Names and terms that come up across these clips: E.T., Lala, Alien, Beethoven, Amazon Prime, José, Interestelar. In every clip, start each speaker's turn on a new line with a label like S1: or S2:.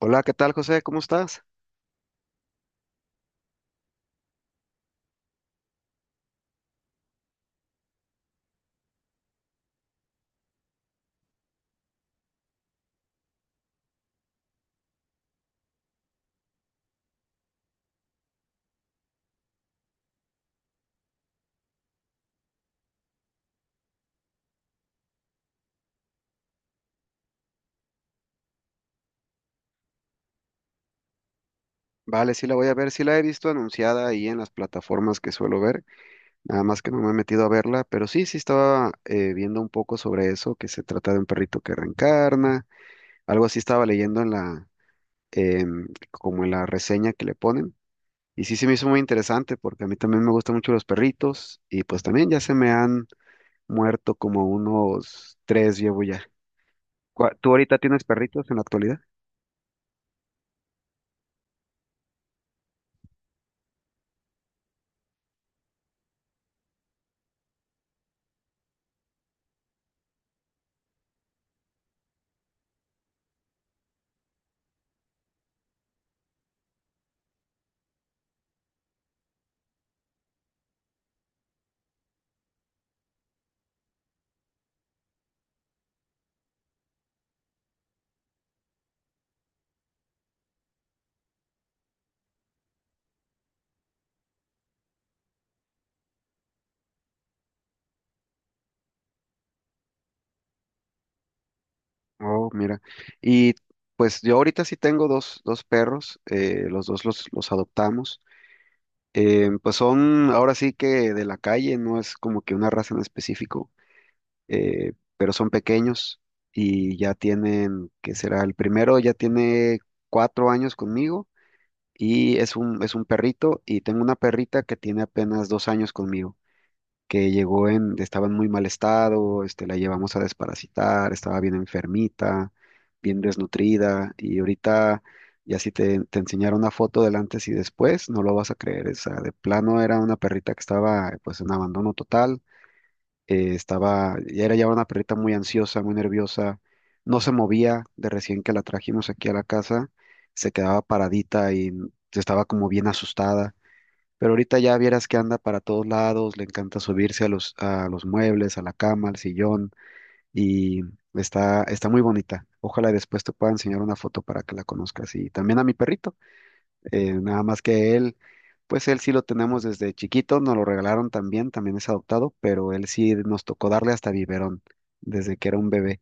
S1: Hola, ¿qué tal, José? ¿Cómo estás? Vale, sí la voy a ver, sí la he visto anunciada ahí en las plataformas que suelo ver, nada más que no me he metido a verla, pero sí, sí estaba viendo un poco sobre eso, que se trata de un perrito que reencarna, algo así estaba leyendo en como en la reseña que le ponen, y sí se me hizo muy interesante porque a mí también me gustan mucho los perritos, y pues también ya se me han muerto como unos tres llevo ya. ¿Tú ahorita tienes perritos en la actualidad? Oh, mira. Y pues yo ahorita sí tengo dos perros, los dos los adoptamos. Pues son ahora sí que de la calle, no es como que una raza en específico, pero son pequeños y ya tienen, ¿qué será? El primero ya tiene 4 años conmigo y es es un perrito, y tengo una perrita que tiene apenas 2 años conmigo, que llegó en, estaba en muy mal estado, este, la llevamos a desparasitar, estaba bien enfermita, bien desnutrida, y ahorita ya si te enseñara una foto del antes y después, no lo vas a creer. O sea, de plano era una perrita que estaba pues en abandono total, estaba, ya era ya una perrita muy ansiosa, muy nerviosa, no se movía de recién que la trajimos aquí a la casa, se quedaba paradita y estaba como bien asustada, pero ahorita ya vieras que anda para todos lados, le encanta subirse a a los muebles, a la cama, al sillón, y está, está muy bonita. Ojalá y después te pueda enseñar una foto para que la conozcas. Y también a mi perrito, nada más que él, pues él sí lo tenemos desde chiquito, nos lo regalaron también, también es adoptado, pero él sí nos tocó darle hasta biberón desde que era un bebé.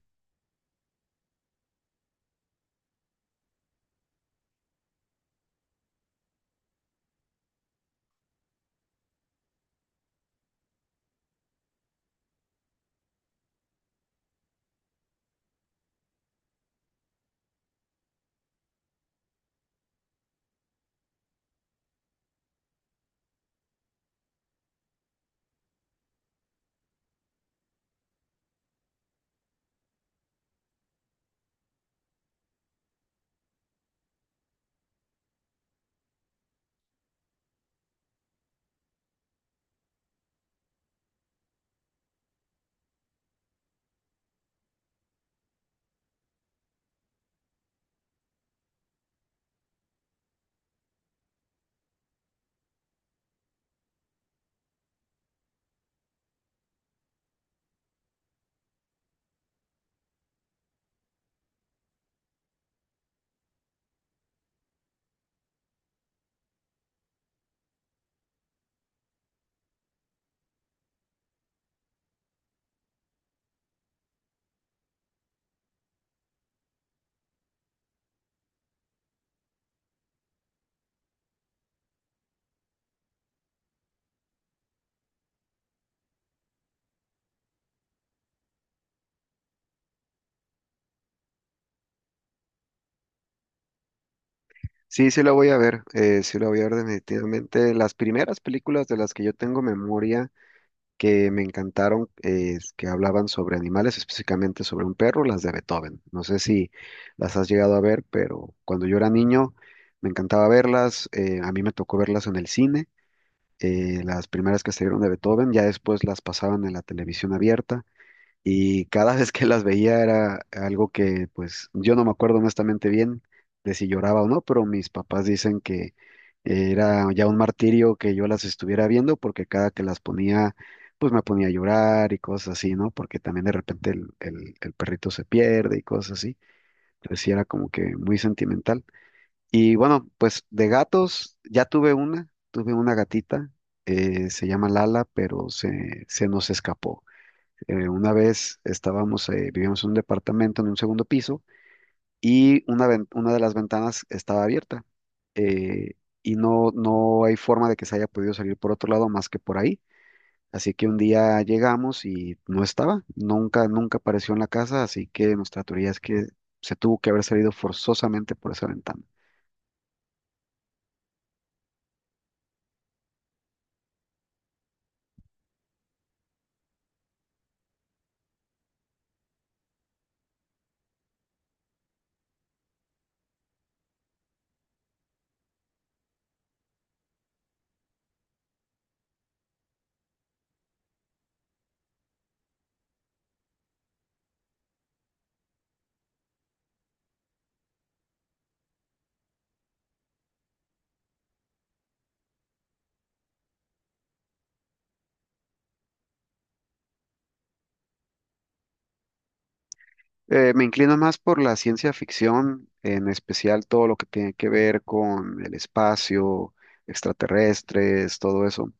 S1: Sí, sí la voy a ver, sí la voy a ver definitivamente. Las primeras películas de las que yo tengo memoria, que me encantaron, que hablaban sobre animales, específicamente sobre un perro, las de Beethoven. No sé si las has llegado a ver, pero cuando yo era niño me encantaba verlas. A mí me tocó verlas en el cine, las primeras que salieron de Beethoven, ya después las pasaban en la televisión abierta, y cada vez que las veía era algo que pues yo no me acuerdo honestamente bien de si lloraba o no, pero mis papás dicen que era ya un martirio que yo las estuviera viendo porque cada que las ponía pues me ponía a llorar y cosas así, ¿no? Porque también de repente el perrito se pierde y cosas así. Entonces sí era como que muy sentimental. Y bueno, pues de gatos ya tuve una gatita, se llama Lala, pero se nos escapó. Una vez estábamos, vivíamos en un departamento en un segundo piso, y una de las ventanas estaba abierta, eh, y no, no hay forma de que se haya podido salir por otro lado más que por ahí. Así que un día llegamos y no estaba, nunca, nunca apareció en la casa, así que nuestra teoría es que se tuvo que haber salido forzosamente por esa ventana. Me inclino más por la ciencia ficción, en especial todo lo que tiene que ver con el espacio, extraterrestres, todo eso.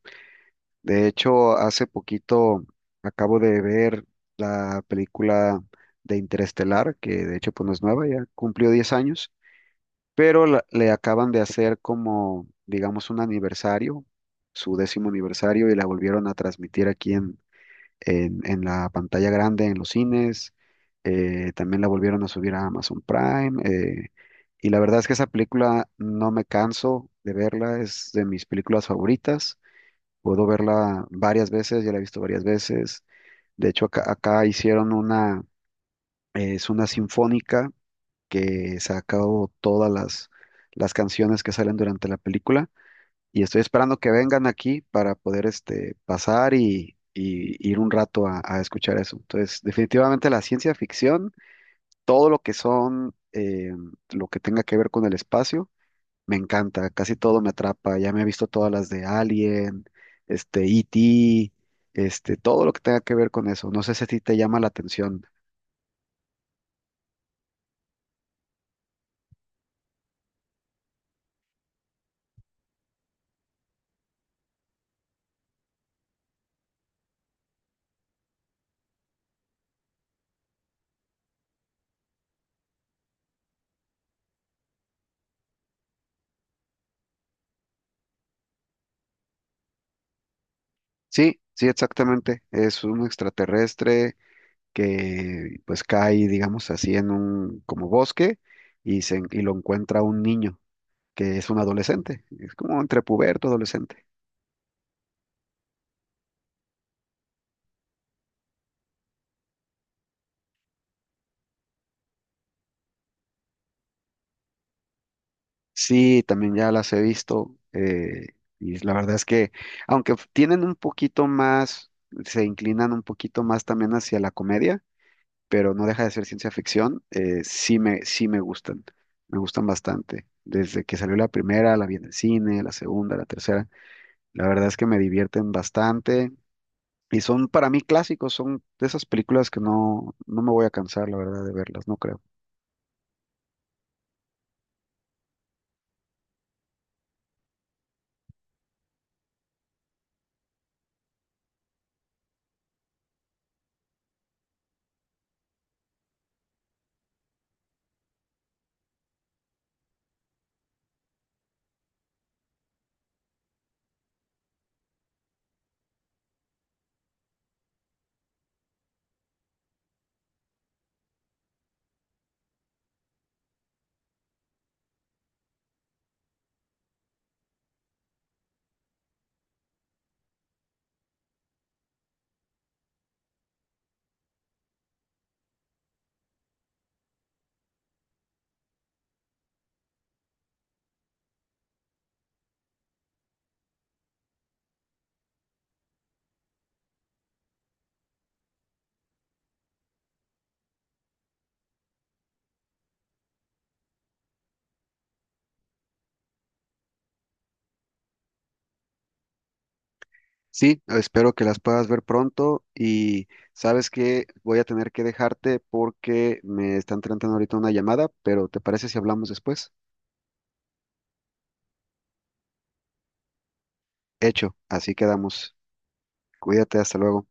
S1: De hecho, hace poquito acabo de ver la película de Interestelar, que de hecho pues no es nueva, ya cumplió 10 años, pero le acaban de hacer como, digamos, un aniversario, su décimo aniversario, y la volvieron a transmitir aquí en la pantalla grande, en los cines. También la volvieron a subir a Amazon Prime, y la verdad es que esa película no me canso de verla, es de mis películas favoritas. Puedo verla varias veces, ya la he visto varias veces. De hecho, acá hicieron una, es una sinfónica que sacó todas las canciones que salen durante la película, y estoy esperando que vengan aquí para poder este, pasar y ir un rato a escuchar eso. Entonces, definitivamente la ciencia ficción, todo lo que son, lo que tenga que ver con el espacio, me encanta, casi todo me atrapa. Ya me he visto todas las de Alien, este, E.T., este, todo lo que tenga que ver con eso. No sé si a ti te llama la atención. Sí, sí, exactamente. Es un extraterrestre que pues cae, digamos así, en un como bosque y, se, y lo encuentra un niño, que es un adolescente. Es como entre puberto, adolescente. Sí, también ya las he visto y la verdad es que tienen un poquito más, se inclinan un poquito más también hacia la comedia, pero no deja de ser ciencia ficción, sí me gustan bastante. Desde que salió la primera, la vi en el cine, la segunda, la tercera, la verdad es que me divierten bastante y son para mí clásicos, son de esas películas que no, no me voy a cansar, la verdad, de verlas, no creo. Sí, espero que las puedas ver pronto, y sabes que voy a tener que dejarte porque me están tratando ahorita una llamada, pero ¿te parece si hablamos después? Hecho, así quedamos. Cuídate, hasta luego.